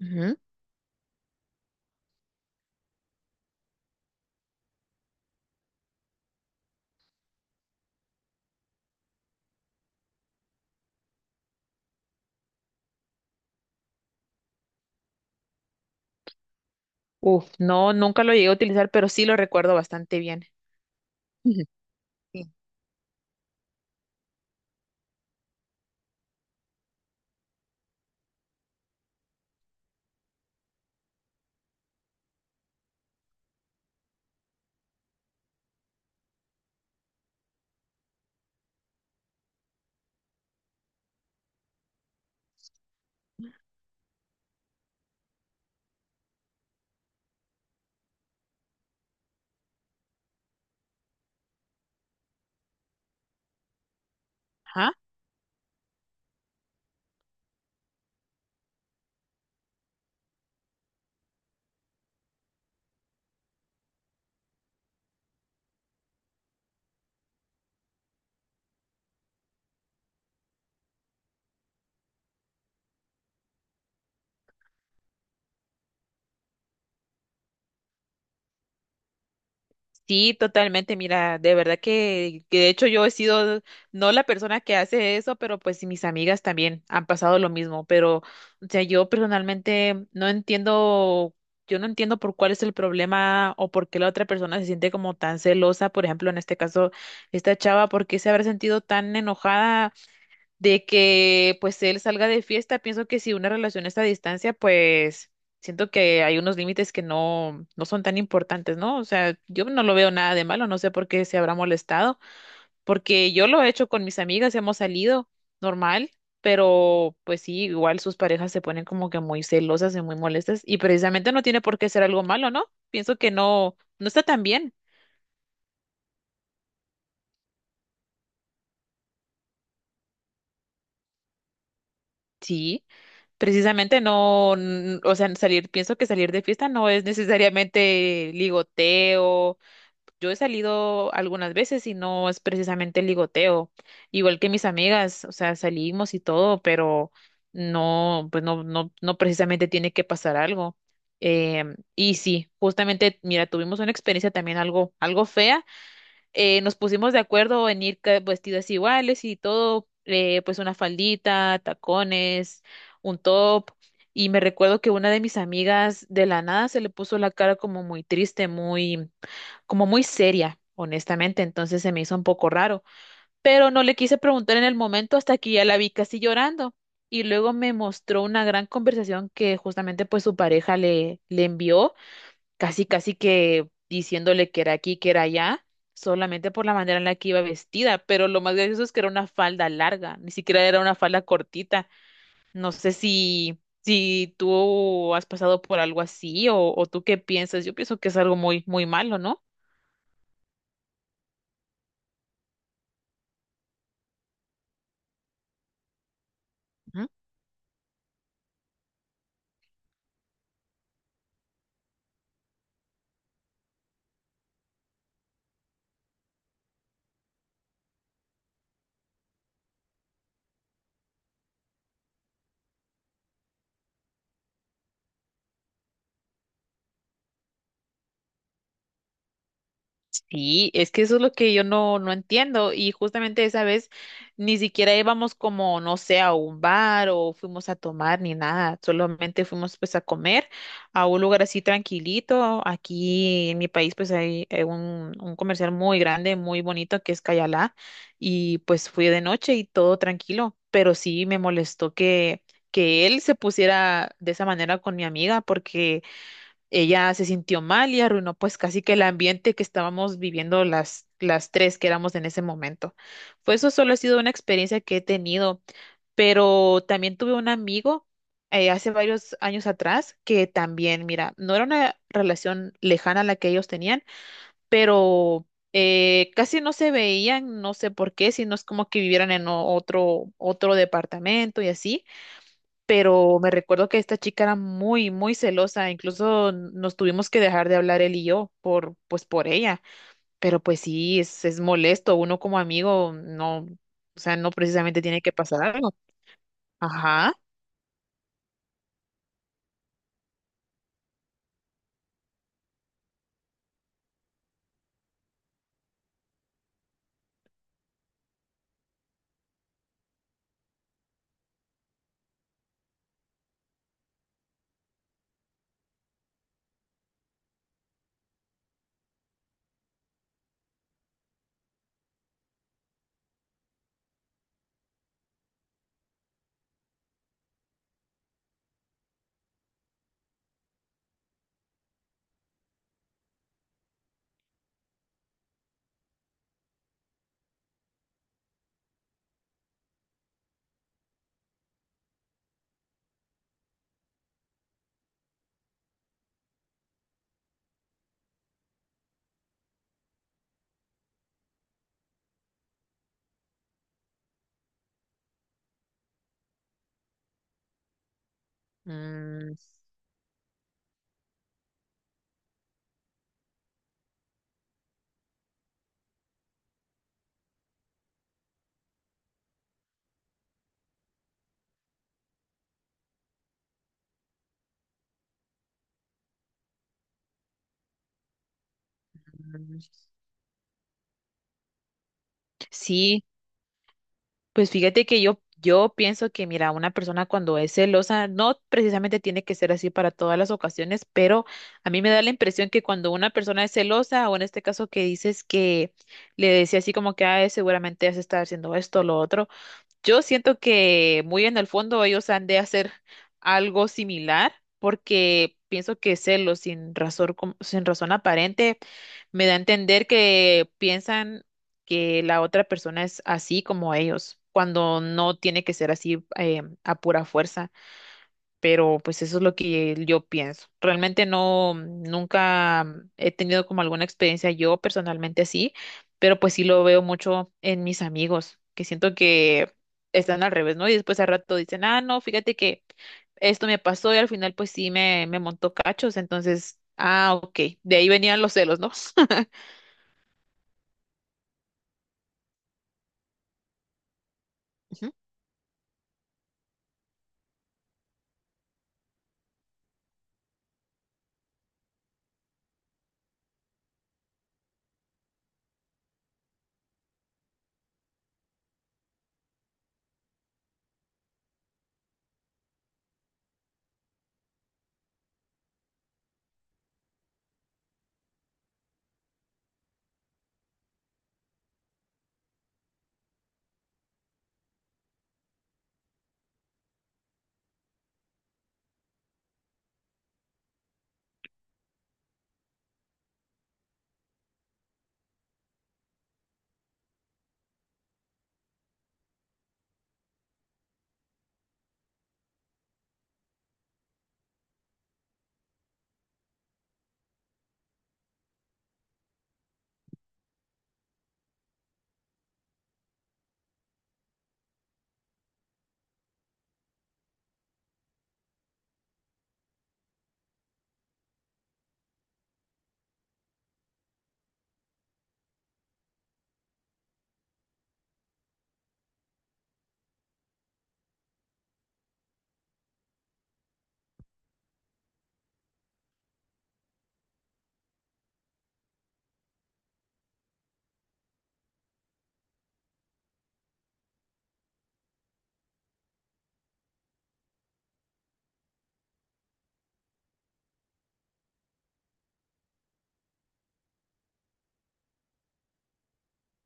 Ujú. Uf, no, nunca lo llegué a utilizar, pero sí lo recuerdo bastante bien. Ujú. Sí. Ajá. Sí, totalmente. Mira, de verdad que, de hecho yo he sido no la persona que hace eso, pero pues sí, mis amigas también han pasado lo mismo. Pero, o sea, yo personalmente no entiendo, yo no entiendo por cuál es el problema o por qué la otra persona se siente como tan celosa. Por ejemplo, en este caso, esta chava, ¿por qué se habrá sentido tan enojada de que pues él salga de fiesta? Pienso que si una relación está a distancia, pues siento que hay unos límites que no son tan importantes, ¿no? O sea, yo no lo veo nada de malo, no sé por qué se habrá molestado, porque yo lo he hecho con mis amigas, hemos salido normal, pero pues sí, igual sus parejas se ponen como que muy celosas y muy molestas y precisamente no tiene por qué ser algo malo, ¿no? Pienso que no, no está tan bien. Sí. Precisamente no, o sea, salir, pienso que salir de fiesta no es necesariamente ligoteo. Yo he salido algunas veces y no es precisamente ligoteo. Igual que mis amigas, o sea, salimos y todo, pero no, pues no, no, no precisamente tiene que pasar algo. Y sí, justamente, mira, tuvimos una experiencia también algo, algo fea, nos pusimos de acuerdo en ir vestidas iguales y todo, pues una faldita, tacones, un top. Y me recuerdo que una de mis amigas de la nada se le puso la cara como muy triste, muy, como muy seria, honestamente. Entonces se me hizo un poco raro. Pero no le quise preguntar en el momento hasta que ya la vi casi llorando. Y luego me mostró una gran conversación que justamente pues su pareja le envió casi, casi que diciéndole que era aquí, que era allá, solamente por la manera en la que iba vestida, pero lo más gracioso es que era una falda larga, ni siquiera era una falda cortita. No sé si, si tú has pasado por algo así o tú qué piensas. Yo pienso que es algo muy, muy malo, ¿no? Sí, es que eso es lo que yo no, no entiendo. Y justamente esa vez ni siquiera íbamos como, no sé, a un bar o fuimos a tomar ni nada. Solamente fuimos pues a comer a un lugar así tranquilito. Aquí en mi país pues hay un comercial muy grande, muy bonito que es Cayalá. Y pues fui de noche y todo tranquilo. Pero sí me molestó que él se pusiera de esa manera con mi amiga porque ella se sintió mal y arruinó pues casi que el ambiente que estábamos viviendo las tres que éramos en ese momento. Pues eso solo ha sido una experiencia que he tenido, pero también tuve un amigo hace varios años atrás que también, mira, no era una relación lejana la que ellos tenían, pero casi no se veían, no sé por qué, sino es como que vivieran en otro departamento y así, pero me recuerdo que esta chica era muy, muy celosa, incluso nos tuvimos que dejar de hablar él y yo por, pues por ella, pero pues sí, es molesto, uno como amigo no, o sea, no precisamente tiene que pasar algo. Ajá. Mm. Mm. Sí. Pues fíjate que yo pienso que, mira, una persona cuando es celosa, no precisamente tiene que ser así para todas las ocasiones, pero a mí me da la impresión que cuando una persona es celosa, o en este caso que dices que le decía así como que, ay, seguramente has estado haciendo esto, lo otro. Yo siento que muy en el fondo ellos han de hacer algo similar porque pienso que celos sin razón, sin razón aparente me da a entender que piensan que la otra persona es así como ellos, cuando no tiene que ser así, a pura fuerza, pero pues eso es lo que yo pienso. Realmente no, nunca he tenido como alguna experiencia yo personalmente así, pero pues sí lo veo mucho en mis amigos, que siento que están al revés, ¿no? Y después al rato dicen, ah, no, fíjate que esto me pasó y al final pues sí me montó cachos, entonces, ah, ok, de ahí venían los celos, ¿no? Ujú.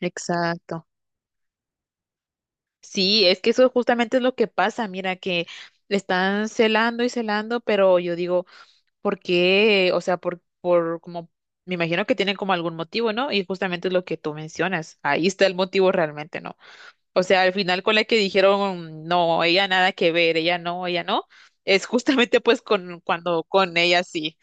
Exacto. Sí, es que eso justamente es lo que pasa, mira, que le están celando y celando, pero yo digo... ¿Por qué? O sea, por como, me imagino que tienen como algún motivo, ¿no? Y justamente es lo que tú mencionas. Ahí está el motivo realmente, ¿no? O sea, al final con la que dijeron, no, ella nada que ver, ella no, es justamente pues con cuando con ella sí.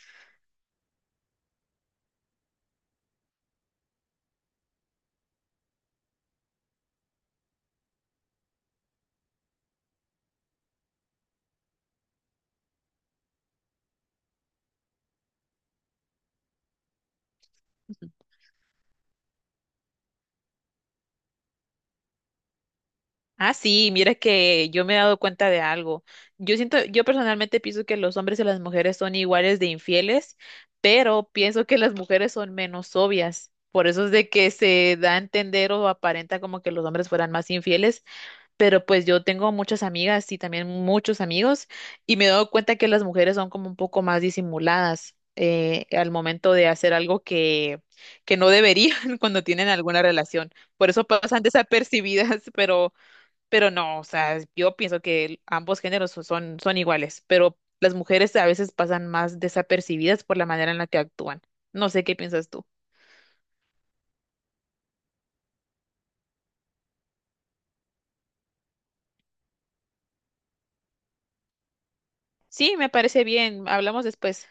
Ah, sí, mira que yo me he dado cuenta de algo. Yo siento, yo personalmente pienso que los hombres y las mujeres son iguales de infieles, pero pienso que las mujeres son menos obvias. Por eso es de que se da a entender o aparenta como que los hombres fueran más infieles, pero pues yo tengo muchas amigas y también muchos amigos y me he dado cuenta que las mujeres son como un poco más disimuladas, al momento de hacer algo que no deberían cuando tienen alguna relación. Por eso pasan desapercibidas, pero no, o sea, yo pienso que ambos géneros son, son iguales, pero las mujeres a veces pasan más desapercibidas por la manera en la que actúan. No sé qué piensas tú. Sí, me parece bien. Hablamos después.